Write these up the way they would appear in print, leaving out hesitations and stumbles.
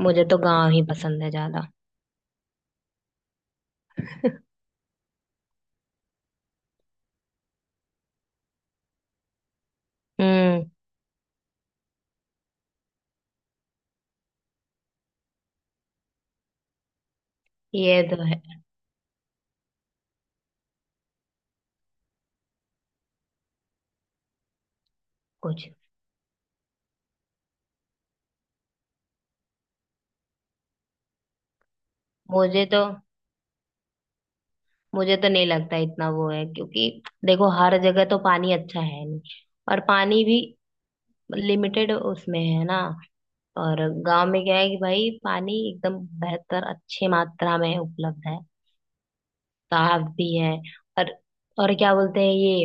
मुझे तो गांव ही पसंद है ज्यादा। हम्म। ये तो है। कुछ। मुझे तो मुझे तो नहीं लगता इतना वो है, क्योंकि देखो हर जगह तो पानी अच्छा है नहीं। और पानी भी लिमिटेड उसमें है ना। और गांव में क्या है कि भाई पानी एकदम बेहतर अच्छे मात्रा में उपलब्ध है। साफ भी है। और क्या बोलते हैं ये,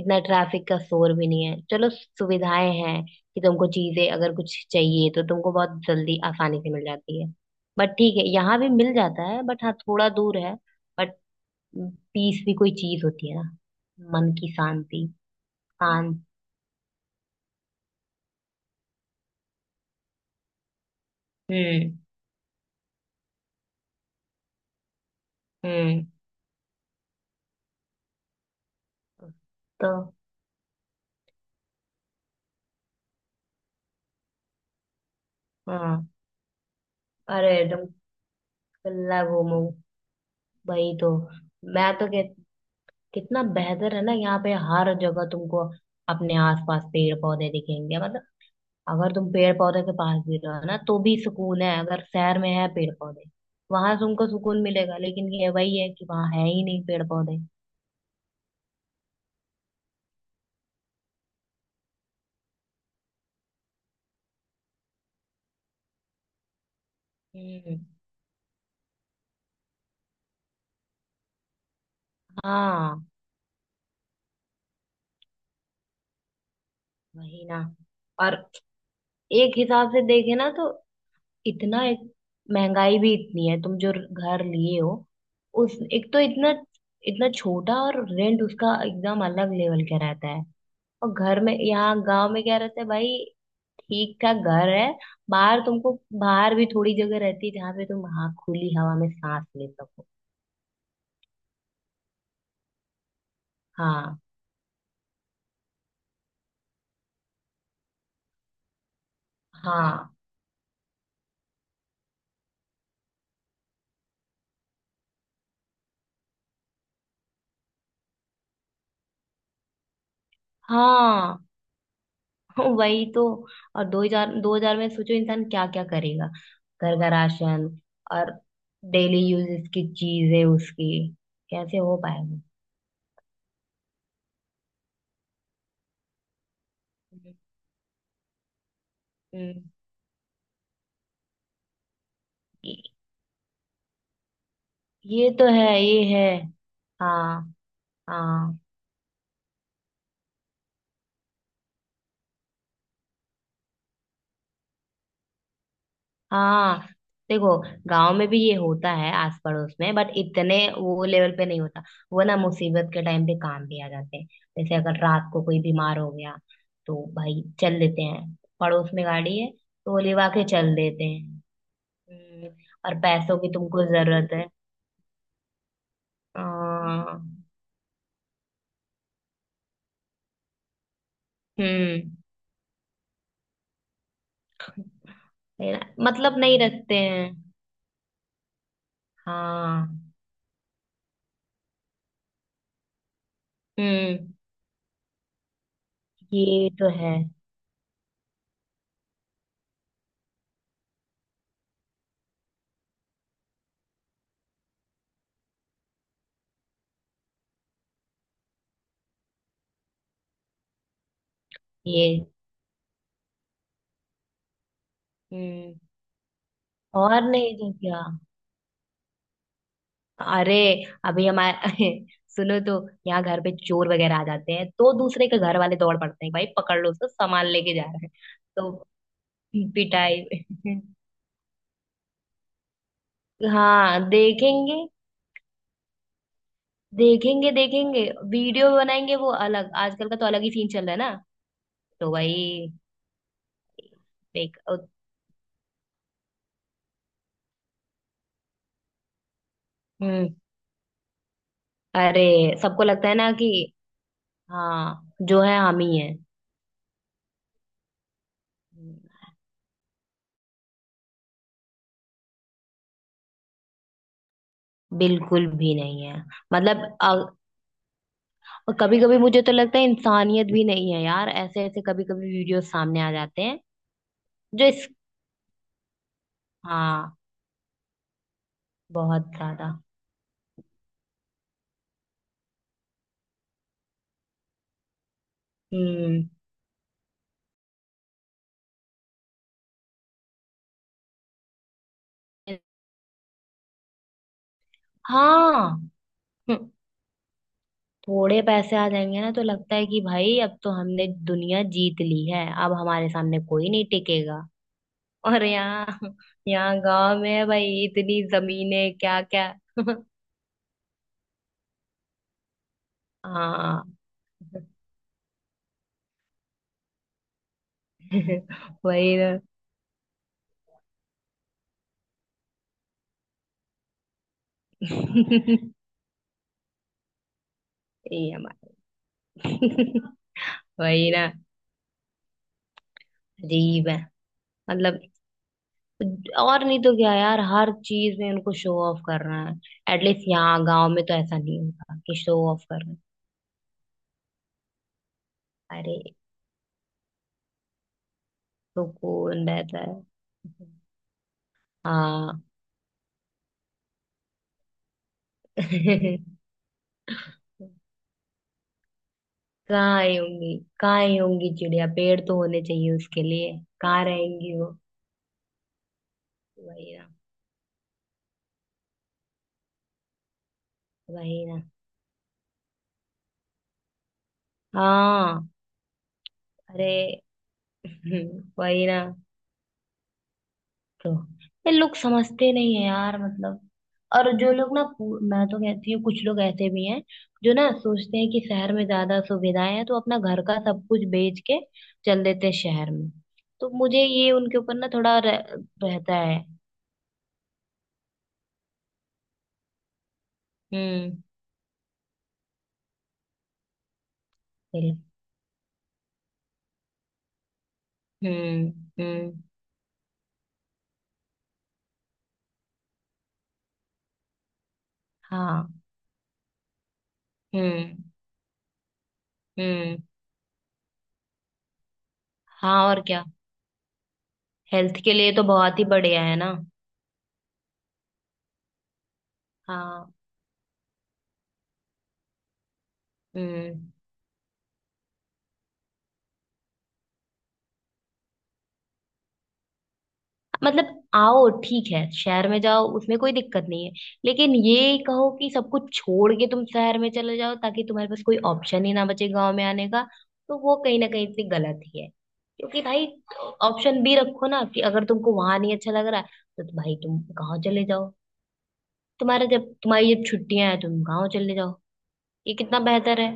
इतना ट्रैफिक का शोर भी नहीं है। चलो, सुविधाएं हैं कि तुमको चीजें अगर कुछ चाहिए तो तुमको बहुत जल्दी आसानी से मिल जाती है। बट ठीक है, यहाँ भी मिल जाता है, बट हाँ थोड़ा दूर है। बट पीस भी कोई चीज होती है ना। मन की शांति। शांत। हम्म। हम्म। तो हाँ। अरे, एकदम। कल्ला घूमो। भाई तो मैं तो कह, कितना बेहतर है ना। यहाँ पे हर जगह तुमको अपने आसपास पेड़ पौधे दिखेंगे, मतलब अगर तुम पेड़ पौधे के पास भी रहो ना तो भी सुकून है। अगर शहर में है पेड़ पौधे, वहां तुमको सुकून मिलेगा, लेकिन ये वही है कि वहां है ही नहीं पेड़ पौधे। हम्म। हाँ। वही ना। और एक हिसाब से देखे ना तो इतना, एक महंगाई भी इतनी है। तुम जो घर लिए हो उस, एक तो इतना इतना छोटा, और रेंट उसका एकदम अलग लेवल का रहता है। और घर में यहाँ गांव में क्या रहता है भाई, ठीक ठाक घर है। बाहर तुमको, बाहर भी थोड़ी जगह रहती है जहाँ पे तुम, हाँ, खुली हवा में सांस ले सको। हाँ। हाँ। हाँ। वही तो। और दो हजार, दो हजार में सोचो इंसान क्या क्या करेगा। घर का राशन, और डेली यूजेस की चीजें उसकी कैसे हो पाएगा। हम्म। ये। ये तो है। ये है। हाँ। हाँ। हाँ। देखो, गांव में भी ये होता है आस पड़ोस में, बट इतने वो लेवल पे नहीं होता। वो ना मुसीबत के टाइम पे काम भी आ जाते हैं। जैसे अगर रात को कोई बीमार हो गया तो भाई चल देते हैं। पड़ोस में गाड़ी है तो लेवा के चल देते हैं। हम्म। और पैसों की तुमको जरूरत है। हाँ। हम्म। है ना? मतलब नहीं रखते हैं। हाँ। हम्म। ये तो है। ये। हम्म। और नहीं तो क्या। अरे अभी हमारे सुनो तो, यहाँ घर पे चोर वगैरह आ जाते हैं तो दूसरे के घर वाले दौड़ पड़ते हैं, भाई पकड़ लो उसको, सामान लेके जा रहा है। तो पिटाई। हाँ, देखेंगे। देखेंगे, देखेंगे। वीडियो बनाएंगे वो अलग, आजकल का तो अलग ही सीन चल रहा है ना। तो भाई। देख अ, हम्म। अरे, सबको लगता है ना कि हाँ जो है हम ही हैं। बिल्कुल भी नहीं है। मतलब। और कभी कभी मुझे तो लगता है इंसानियत भी नहीं है यार, ऐसे ऐसे कभी कभी वीडियो सामने आ जाते हैं। जो इस हाँ, बहुत ज्यादा। हम्म। हाँ। हम्म। थोड़े पैसे आ जाएंगे ना तो लगता है कि भाई अब तो हमने दुनिया जीत ली है, अब हमारे सामने कोई नहीं टिकेगा। और यहाँ यहाँ गांव में है भाई इतनी जमीनें, क्या क्या। हाँ। वही ना। ये हमारा। वही ना। अजीब है। मतलब, और नहीं तो क्या यार, हर चीज में उनको शो ऑफ करना है। एटलीस्ट यहाँ गांव में तो ऐसा नहीं होता कि शो ऑफ करना है। अरे तो कौन रहता है। हाँ। कहाँ ही होंगी, कहाँ ही होंगी चिड़िया, पेड़ तो होने चाहिए उसके लिए, कहाँ रहेंगी वो। वही ना। वही ना। हाँ। अरे। वही ना। तो ये लोग समझते नहीं है यार, मतलब। और जो लोग ना मैं तो कहती हूँ, कुछ लोग ऐसे भी हैं जो ना सोचते हैं कि शहर में ज्यादा सुविधाएं हैं तो अपना घर का सब कुछ बेच के चल देते हैं शहर में। तो मुझे ये उनके ऊपर ना थोड़ा रहता है। हम्म। बिल- हम्म। हम्म। हाँ। हम्म। हम्म। हाँ, और क्या। हेल्थ के लिए तो बहुत ही बढ़िया है ना। हाँ। हम्म। मतलब, आओ ठीक है शहर में जाओ, उसमें कोई दिक्कत नहीं है, लेकिन ये कहो कि सब कुछ छोड़ के तुम शहर में चले जाओ ताकि तुम्हारे पास कोई ऑप्शन ही ना बचे गांव में आने का, तो वो कहीं ना कहीं से गलत ही है। क्योंकि भाई, ऑप्शन भी रखो ना कि अगर तुमको वहां नहीं अच्छा लग रहा है, तो भाई तुम गाँव चले जाओ। तुम्हारा जब तुम्हारी जब छुट्टियां हैं तुम गाँव चले जाओ। ये कितना बेहतर है।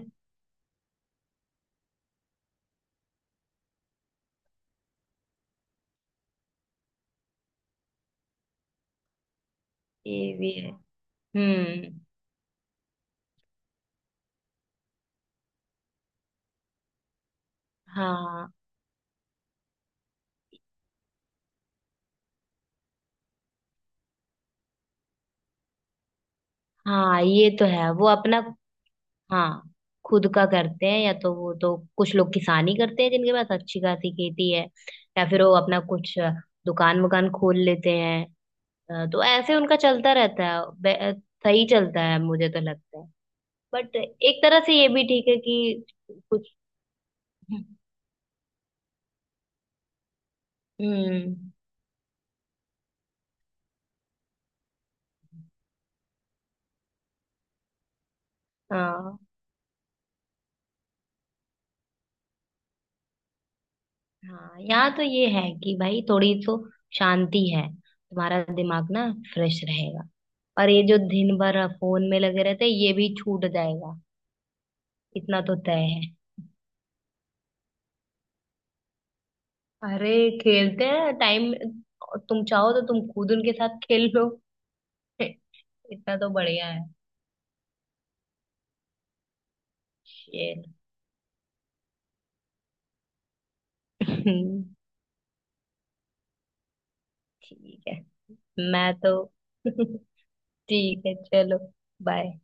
ये भी है। हम्म। हाँ। हाँ, ये तो है। वो अपना, हाँ, खुद का करते हैं। या तो वो तो कुछ लोग किसानी करते हैं जिनके पास अच्छी खासी खेती है। या फिर वो अपना कुछ दुकान वुकान खोल लेते हैं। तो ऐसे उनका चलता रहता है। सही चलता है, मुझे तो लगता है। बट एक तरह से ये भी ठीक है कि, कुछ। हम्म। हाँ। हाँ, यहाँ तो ये है कि भाई थोड़ी तो शांति है। तुम्हारा दिमाग ना फ्रेश रहेगा, और ये जो दिन भर फोन में लगे रहते हैं ये भी छूट जाएगा। इतना तो तय है। अरे। खेलते हैं टाइम, तुम चाहो तो तुम खुद उनके साथ खेल लो। इतना तो बढ़िया है। खेल। ठीक है। मैं तो ठीक है, चलो। बाय।